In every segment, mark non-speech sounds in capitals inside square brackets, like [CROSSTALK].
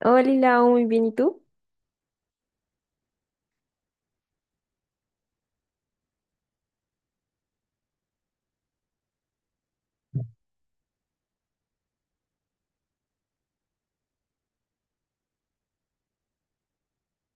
Hola, Lau, muy bien, ¿y tú?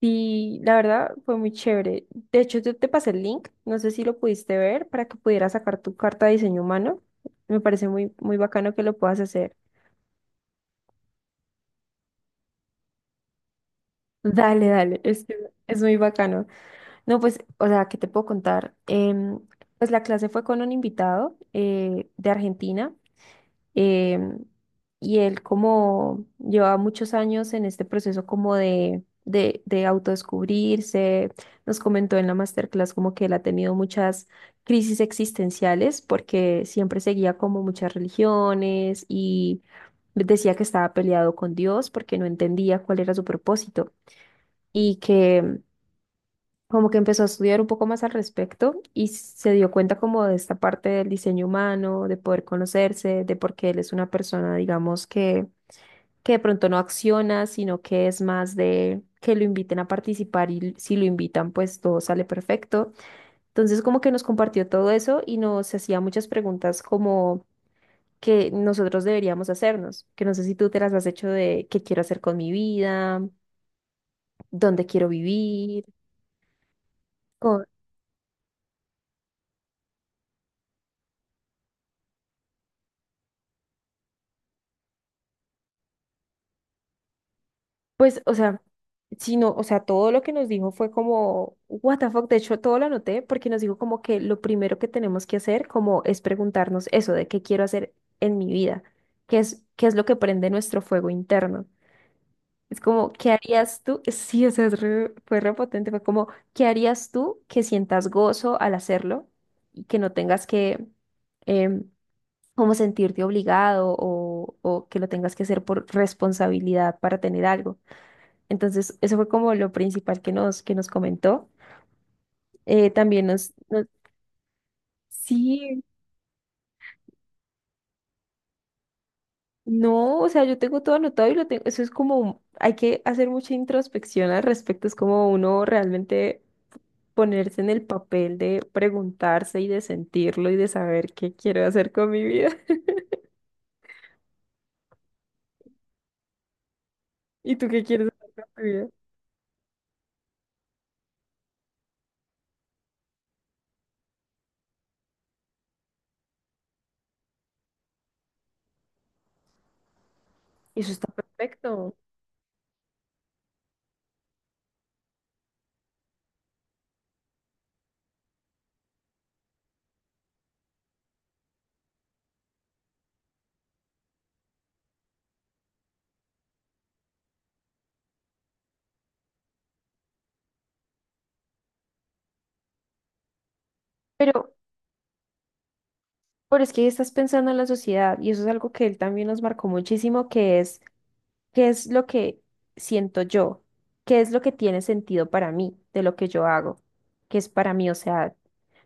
Sí, la verdad fue muy chévere. De hecho, yo te pasé el link, no sé si lo pudiste ver, para que pudieras sacar tu carta de diseño humano. Me parece muy, muy bacano que lo puedas hacer. Dale, dale, es, que es muy bacano. No, pues, o sea, ¿qué te puedo contar? Pues la clase fue con un invitado de Argentina. Em, y él como lleva muchos años en este proceso como de autodescubrirse, nos comentó en la masterclass como que él ha tenido muchas crisis existenciales porque siempre seguía como muchas religiones y decía que estaba peleado con Dios porque no entendía cuál era su propósito y que como que empezó a estudiar un poco más al respecto y se dio cuenta como de esta parte del diseño humano, de poder conocerse, de por qué él es una persona, digamos, que de pronto no acciona, sino que es más de que lo inviten a participar y si lo invitan, pues todo sale perfecto. Entonces como que nos compartió todo eso y nos hacía muchas preguntas como que nosotros deberíamos hacernos, que no sé si tú te las has hecho, de qué quiero hacer con mi vida, dónde quiero vivir. Pues, o sea, sino, o sea, todo lo que nos dijo fue como, what the fuck, de hecho, todo lo anoté porque nos dijo como que lo primero que tenemos que hacer como es preguntarnos eso de qué quiero hacer en mi vida, qué es lo que prende nuestro fuego interno. Es como, ¿qué harías tú? [LAUGHS] Sí, o sea, fue repotente, fue como, ¿qué harías tú que sientas gozo al hacerlo y que no tengas que, em, como sentirte obligado o que lo tengas que hacer por responsabilidad para tener algo? Entonces, eso fue como lo principal que que nos comentó. También sí, no, o sea, yo tengo todo anotado y lo tengo, eso es como, hay que hacer mucha introspección al respecto, es como uno realmente ponerse en el papel de preguntarse y de sentirlo y de saber qué quiero hacer con mi vida. [LAUGHS] Y tú qué quieres hacer con tu vida. Y eso está perfecto. Pero, pero es que estás pensando en la sociedad y eso es algo que él también nos marcó muchísimo, que es ¿qué es lo que siento yo? ¿Qué es lo que tiene sentido para mí de lo que yo hago? ¿Qué es para mí? O sea,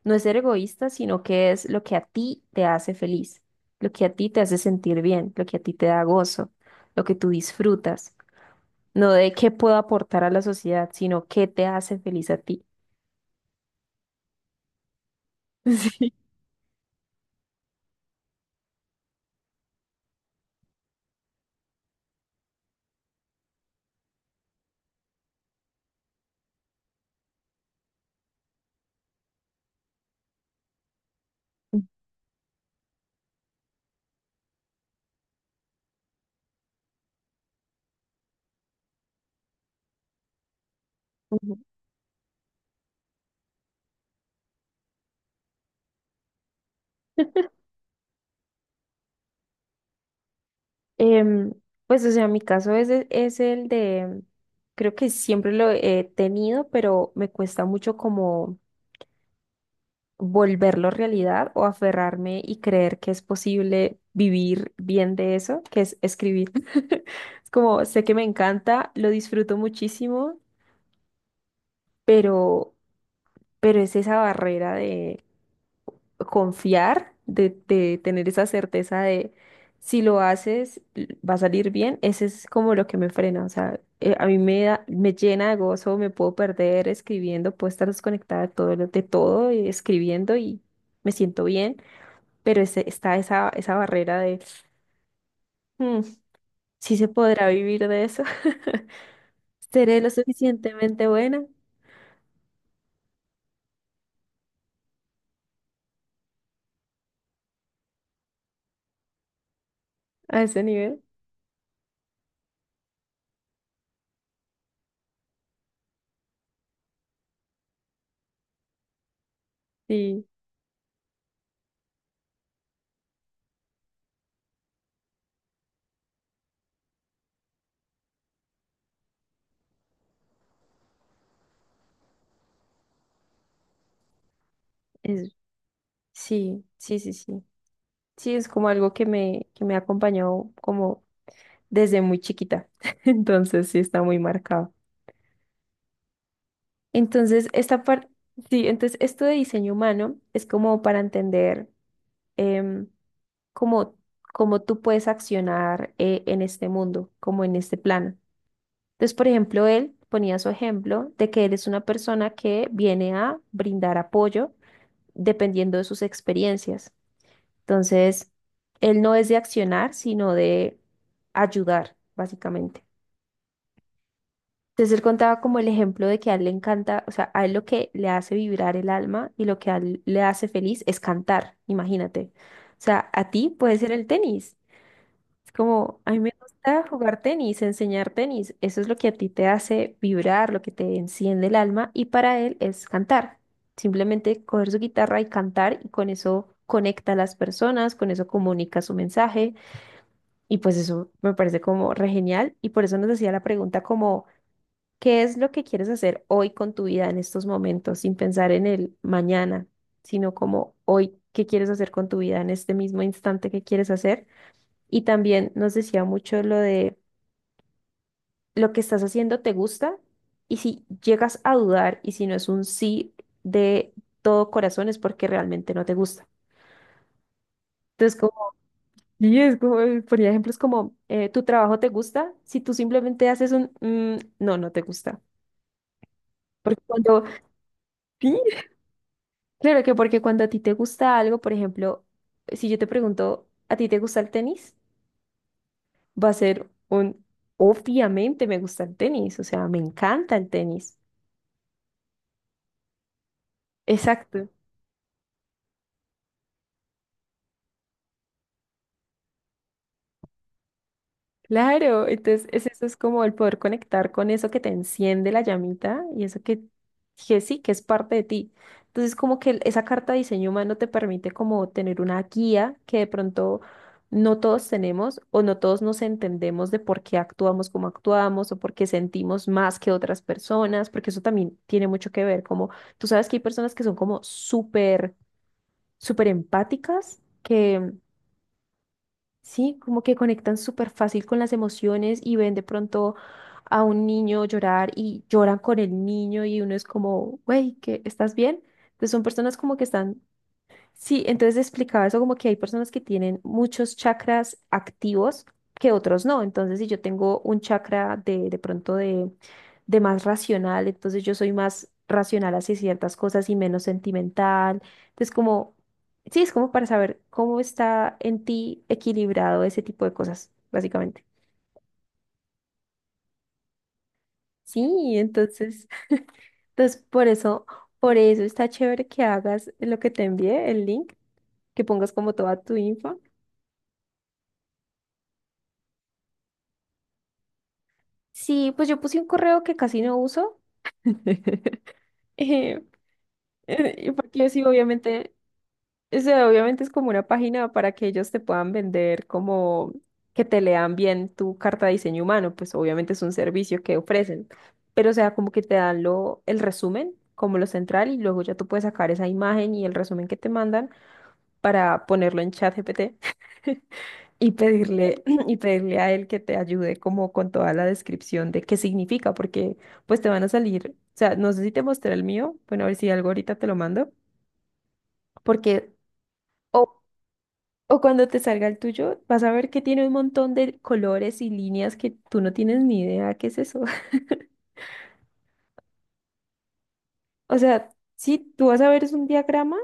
no es ser egoísta, sino que es lo que a ti te hace feliz, lo que a ti te hace sentir bien, lo que a ti te da gozo, lo que tú disfrutas. No de qué puedo aportar a la sociedad, sino qué te hace feliz a ti. [LAUGHS] Sí. Ujú. Em, pues, o sea, mi caso es el de, creo que siempre lo he tenido, pero me cuesta mucho como volverlo realidad o aferrarme y creer que es posible vivir bien de eso, que es escribir. [LAUGHS] Es como, sé que me encanta, lo disfruto muchísimo, pero, pero es esa barrera de confiar, de tener esa certeza de si lo haces va a salir bien, ese es como lo que me frena, o sea, a mí me llena de gozo, me puedo perder escribiendo, puedo estar desconectada de todo, de todo, escribiendo y me siento bien, pero está esa barrera de, "Mm, ¿sí se podrá vivir de eso? [LAUGHS] ¿Seré lo suficientemente buena a ese nivel? Sí, es, sí. Sí, es como algo que que me ha acompañado como desde muy chiquita. [LAUGHS] Entonces, sí, está muy marcado. Entonces, esta parte, sí, entonces esto de diseño humano es como para entender em, cómo, cómo tú puedes accionar en este mundo, como en este plano. Entonces, por ejemplo, él ponía su ejemplo de que él es una persona que viene a brindar apoyo dependiendo de sus experiencias. Entonces, él no es de accionar, sino de ayudar, básicamente. Entonces, él contaba como el ejemplo de que a él le encanta, o sea, a él lo que le hace vibrar el alma y lo que a él le hace feliz es cantar, imagínate. O sea, a ti puede ser el tenis. Es como, a mí me gusta jugar tenis, enseñar tenis. Eso es lo que a ti te hace vibrar, lo que te enciende el alma. Y para él es cantar. Simplemente coger su guitarra y cantar y con eso conecta a las personas, con eso comunica su mensaje. Y pues eso me parece como re genial. Y por eso nos hacía la pregunta como, ¿qué es lo que quieres hacer hoy con tu vida en estos momentos, sin pensar en el mañana, sino como hoy? ¿Qué quieres hacer con tu vida en este mismo instante que quieres hacer? Y también nos decía mucho lo de lo que estás haciendo te gusta, y si llegas a dudar y si no es un sí de todo corazón es porque realmente no te gusta. Entonces, como, y es como, ponía ejemplos como, tu trabajo te gusta, si tú simplemente haces un, "Mm, no", no te gusta. Porque cuando, sí, claro que porque cuando a ti te gusta algo, por ejemplo, si yo te pregunto, ¿a ti te gusta el tenis? Va a ser un, obviamente me gusta el tenis, o sea, me encanta el tenis. Exacto. Claro, entonces es, eso es como el poder conectar con eso que te enciende la llamita y eso que sí, que es parte de ti. Entonces como que esa carta de diseño humano te permite como tener una guía que de pronto no todos tenemos o no todos nos entendemos de por qué actuamos como actuamos o por qué sentimos más que otras personas, porque eso también tiene mucho que ver, como tú sabes que hay personas que son como súper, súper empáticas. Sí, como que conectan súper fácil con las emociones y ven de pronto a un niño llorar y lloran con el niño y uno es como, güey, ¿qué? ¿Estás bien? Entonces son personas como que están. Sí, entonces explicaba eso como que hay personas que tienen muchos chakras activos que otros no. Entonces, si yo tengo un chakra de pronto de más racional, entonces yo soy más racional hacia ciertas cosas y menos sentimental. Entonces, como, sí, es como para saber cómo está en ti equilibrado ese tipo de cosas, básicamente. Sí, entonces, [LAUGHS] entonces por eso está chévere que hagas lo que te envié, el link, que pongas como toda tu info. Sí, pues yo puse un correo que casi no uso, [LAUGHS] eh, porque sí, obviamente, o sea, obviamente es como una página para que ellos te puedan vender como que te lean bien tu carta de diseño humano, pues obviamente es un servicio que ofrecen, pero o sea, como que te dan lo, el resumen, como lo central, y luego ya tú puedes sacar esa imagen y el resumen que te mandan para ponerlo en ChatGPT. Y pedirle, [CLEARS THROAT] y pedirle a él que te ayude como con toda la descripción de qué significa, porque pues te van a salir, o sea, no sé si te mostré el mío, bueno, a ver si algo ahorita te lo mando, porque o, o cuando te salga el tuyo, vas a ver que tiene un montón de colores y líneas que tú no tienes ni idea qué es eso. [LAUGHS] O sea, sí, tú vas a ver es un diagrama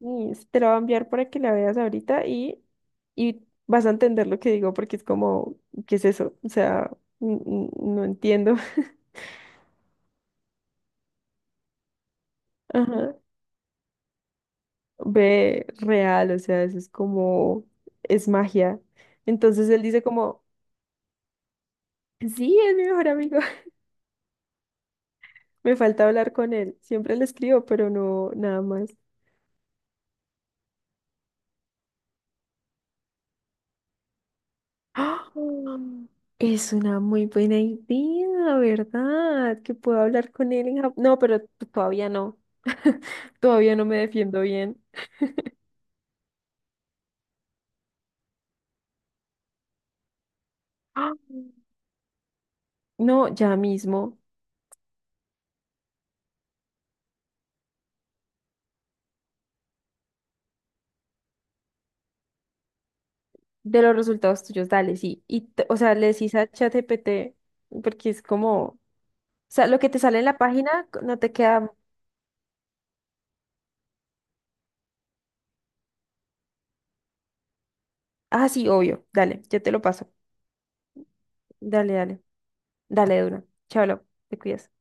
y te lo voy a enviar para que la veas ahorita y vas a entender lo que digo porque es como, ¿qué es eso? O sea, no entiendo. Ajá. Ve real, o sea, eso es como, es magia. Entonces él dice como, sí, es mi mejor amigo. [LAUGHS] Me falta hablar con él. Siempre le escribo, pero no, nada más. ¡Ah! Es una muy buena idea, ¿verdad? Que puedo hablar con él en Japón. No, pero todavía no. [LAUGHS] Todavía no me defiendo bien. ¡Ah! No, ya mismo. De los resultados tuyos, dale, sí. Y, o sea, le decís a ChatGPT, porque es como... O sea, lo que te sale en la página no te queda. Ah, sí, obvio. Dale, yo te lo paso. Dale, dale. Dale, duro. Chao, Lau, te cuidas.